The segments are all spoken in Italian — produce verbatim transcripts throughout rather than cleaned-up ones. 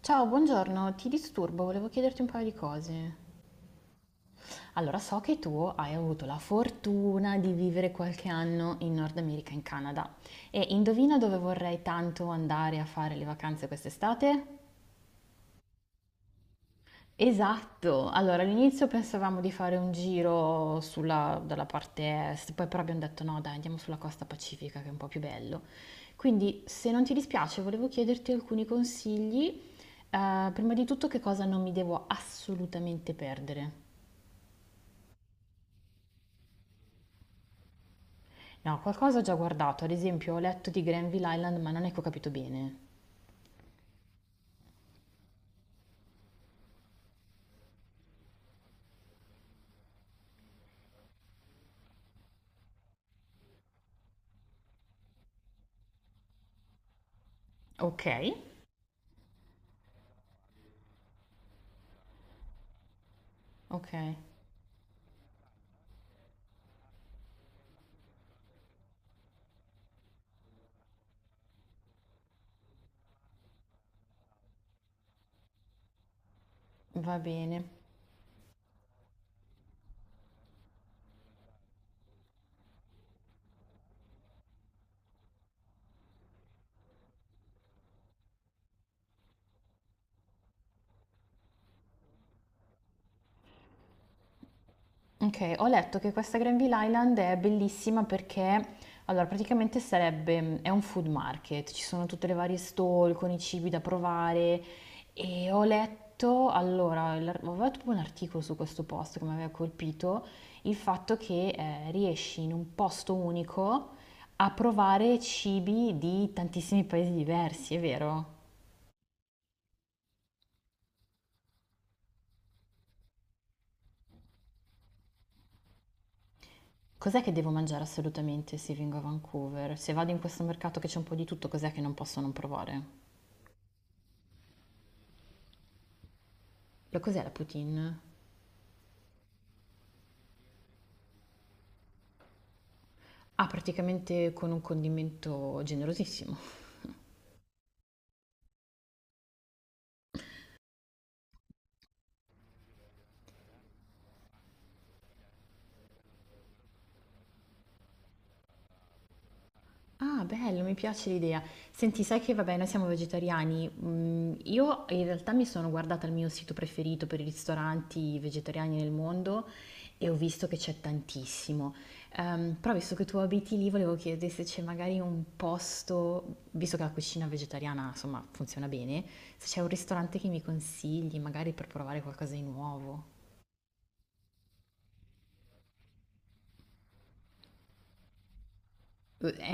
Ciao, buongiorno, ti disturbo, volevo chiederti un paio di cose. Allora, so che tu hai avuto la fortuna di vivere qualche anno in Nord America, in Canada, e indovina dove vorrei tanto andare a fare le vacanze quest'estate? Esatto, allora all'inizio pensavamo di fare un giro sulla, dalla parte est, poi però abbiamo detto no, dai, andiamo sulla costa pacifica che è un po' più bello. Quindi, se non ti dispiace, volevo chiederti alcuni consigli. Eh, prima di tutto, che cosa non mi devo assolutamente perdere? No, qualcosa ho già guardato, ad esempio ho letto di Granville Island, ma non è che ho capito bene. Ok, ok, va bene. Okay, ho letto che questa Granville Island è bellissima perché allora praticamente sarebbe mhmm, è un food market, ci sono tutte le varie stall con i cibi da provare e ho letto allora, l'ar avevo tipo un articolo su questo posto che mi aveva colpito, il fatto che, ehm, riesci in un posto unico a provare cibi di tantissimi paesi diversi, è vero? Cos'è che devo mangiare assolutamente se vengo a Vancouver? Se vado in questo mercato che c'è un po' di tutto, cos'è che non posso non provare? Lo cos'è la poutine? Ah, praticamente con un condimento generosissimo. Ah, bello, mi piace l'idea. Senti, sai che vabbè, noi siamo vegetariani. Mm, io in realtà mi sono guardata il mio sito preferito per i ristoranti vegetariani nel mondo e ho visto che c'è tantissimo. Ehm, però visto che tu abiti lì, volevo chiedere se c'è magari un posto, visto che la cucina vegetariana, insomma, funziona bene, se c'è un ristorante che mi consigli, magari per provare qualcosa di nuovo.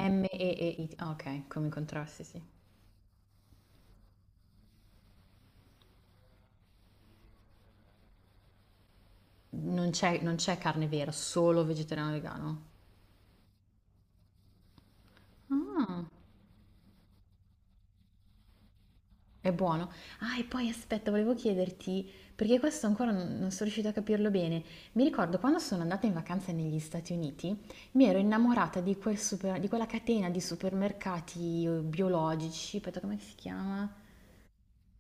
emme e e i ti Ah, ok, come i contrasti, sì. Non c'è non c'è carne vera, solo vegetariano vegano. Ah, è buono. Ah, e poi aspetta, volevo chiederti, perché questo ancora non, non sono riuscita a capirlo bene. Mi ricordo quando sono andata in vacanza negli Stati Uniti, mi ero innamorata di, quel super- di quella catena di supermercati eh, biologici. Aspetta, come si chiama?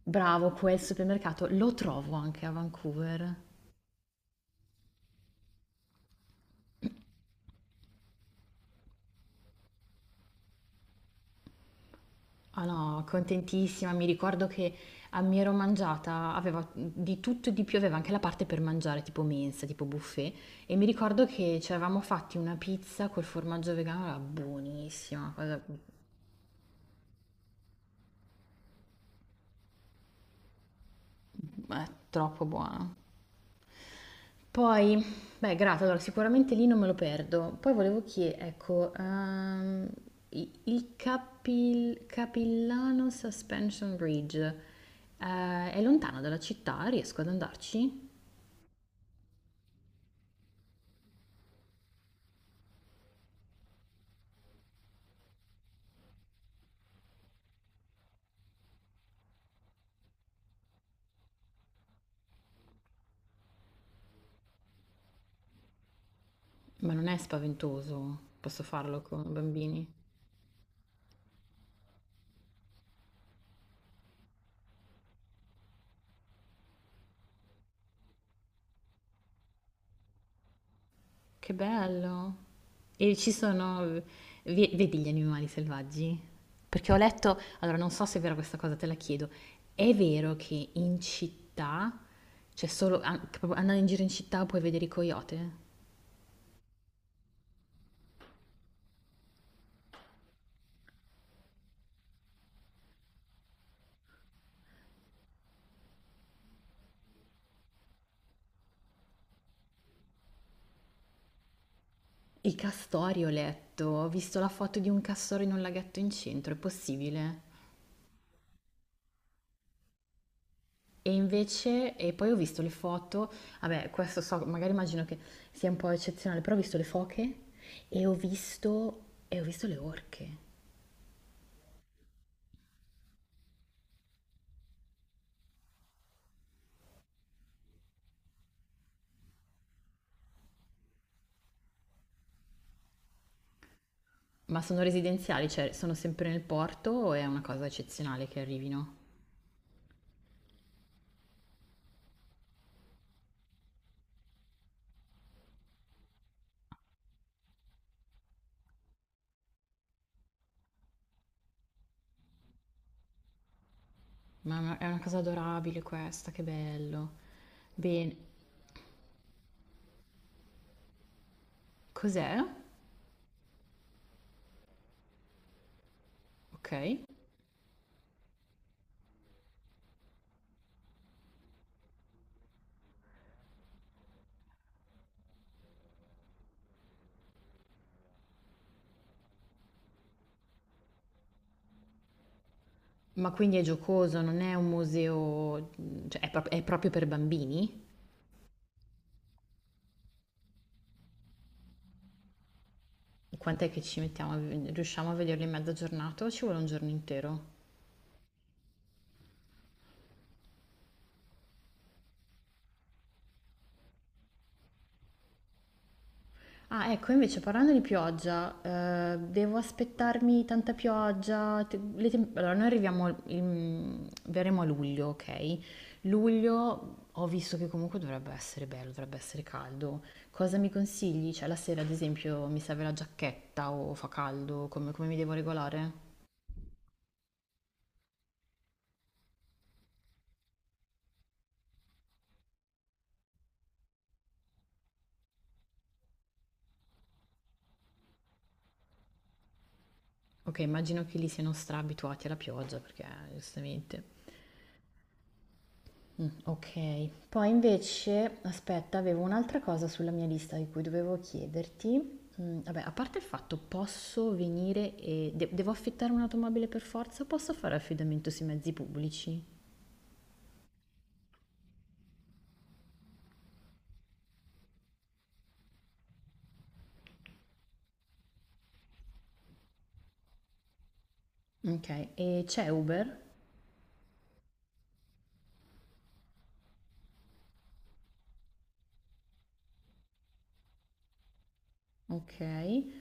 Bravo, quel supermercato lo trovo anche a Vancouver. Ah no, contentissima, mi ricordo che a mi ero mangiata, aveva di tutto e di più, aveva anche la parte per mangiare, tipo mensa, tipo buffet, e mi ricordo che ci eravamo fatti una pizza col formaggio vegano, era buonissima, una cosa, eh, troppo buona. Poi, beh, grato, allora sicuramente lì non me lo perdo. Poi volevo chiedere, ecco, ehm, i- il Capil- Capillano Suspension Bridge, eh, è lontano dalla città, riesco ad andarci? Ma non è spaventoso, posso farlo con bambini. Che bello! E ci sono, ve- vedi gli animali selvaggi? Perché ho letto, allora non so se è vera questa cosa, te la chiedo. È vero che in città, cioè solo an- proprio andando in giro in città puoi vedere i coyote? I castori ho letto, ho visto la foto di un castoro in un laghetto in centro, è possibile? E invece, e poi ho visto le foto, vabbè, questo so, magari immagino che sia un po' eccezionale, però ho visto le foche e ho visto, e ho visto le orche. Ma sono residenziali, cioè sono sempre nel porto o è una cosa eccezionale che arrivino? Ma è una è una cosa adorabile questa, che bello. Bene, cos'è? Ok. Ma quindi è giocoso, non è un museo, cioè è, prop- è proprio per bambini? Quant'è che ci mettiamo? A- riusciamo a vederlo in mezza giornata o ci vuole un giorno intero? Ah, ecco, invece parlando di pioggia, eh, devo aspettarmi tanta pioggia. Te- le tem- allora, noi arriviamo, in- verremo a luglio, ok? Luglio ho visto che comunque dovrebbe essere bello, dovrebbe essere caldo. Cosa mi consigli? Cioè, la sera, ad esempio, mi serve la giacchetta o fa caldo? Come, come mi devo regolare? Ok, immagino che lì siano stra abituati alla pioggia, perché giustamente. Mm, ok, poi invece, aspetta, avevo un'altra cosa sulla mia lista di cui dovevo chiederti. Mm, vabbè, a parte il fatto, posso venire e de- devo affittare un'automobile per forza? Posso fare affidamento sui mezzi pubblici? Ok, e c'è Uber? Ok,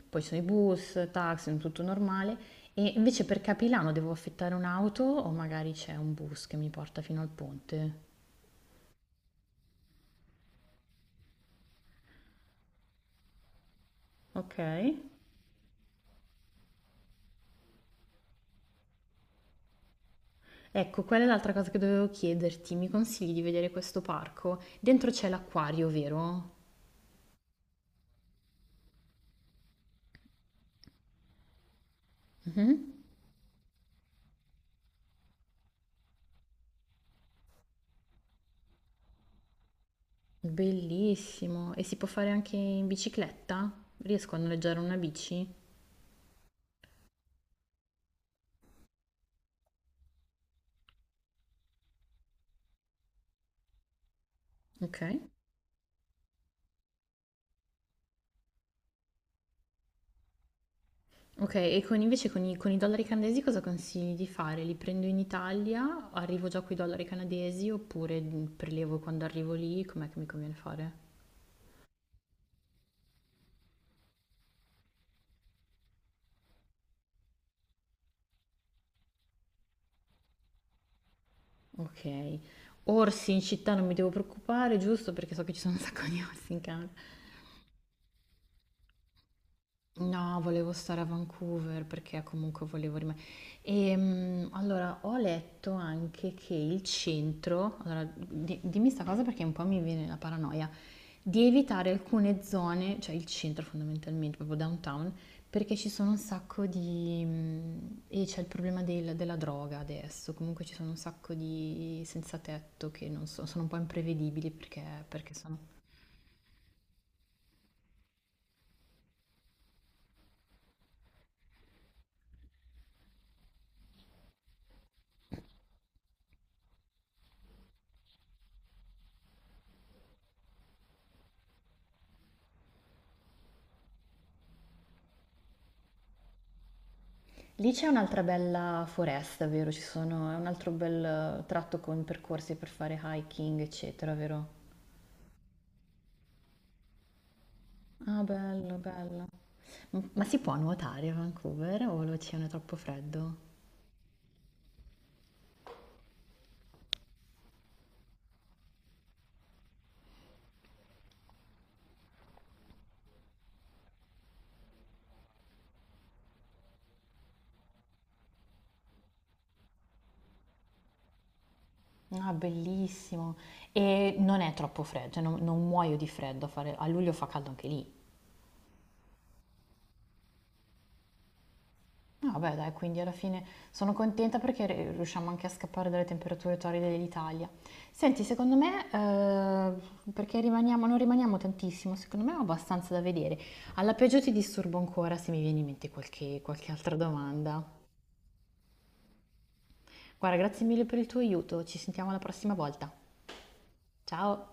poi ci sono i bus, taxi, tutto normale. E invece per Capilano devo affittare un'auto o magari c'è un bus che mi porta fino al ponte? Ok. Ecco, quella è l'altra cosa che dovevo chiederti. Mi consigli di vedere questo parco? Dentro c'è l'acquario, vero? Mhm. Bellissimo. E si può fare anche in bicicletta? Riesco a noleggiare una bici? Ok. Ok, e con- invece con i, con i dollari canadesi cosa consigli di fare? Li prendo in Italia, arrivo già con i dollari canadesi oppure prelevo quando arrivo lì? Com'è che mi conviene fare? Ok. Orsi in città non mi devo preoccupare, giusto? Perché so che ci sono un sacco di orsi in Canada. No, volevo stare a Vancouver perché comunque volevo rimanere. E mm, allora ho letto anche che il centro, allora di- dimmi sta cosa perché un po' mi viene la paranoia, di evitare alcune zone, cioè il centro fondamentalmente, proprio downtown, perché ci sono un sacco di... mm, e c'è il problema del- della droga adesso, comunque ci sono un sacco di senza tetto che non so, sono un po' imprevedibili perché, perché sono... Lì c'è un'altra bella foresta, vero? Ci sono, è un altro bel eh, tratto con percorsi per fare hiking, eccetera, vero? Ah, bello, bello. M- ma si può nuotare a Vancouver o l'oceano è troppo freddo? Ah, bellissimo. E non è troppo freddo, cioè non, non muoio di freddo, a fare- a luglio fa caldo anche lì. No, vabbè, dai, quindi alla fine sono contenta perché r- riusciamo anche a scappare dalle temperature torride dell'Italia. Senti, secondo me, eh, perché rimaniamo, non rimaniamo tantissimo, secondo me ho abbastanza da vedere. Alla peggio ti disturbo ancora se mi viene in mente qualche, qualche altra domanda. Guarda, grazie mille per il tuo aiuto, ci sentiamo la prossima volta. Ciao!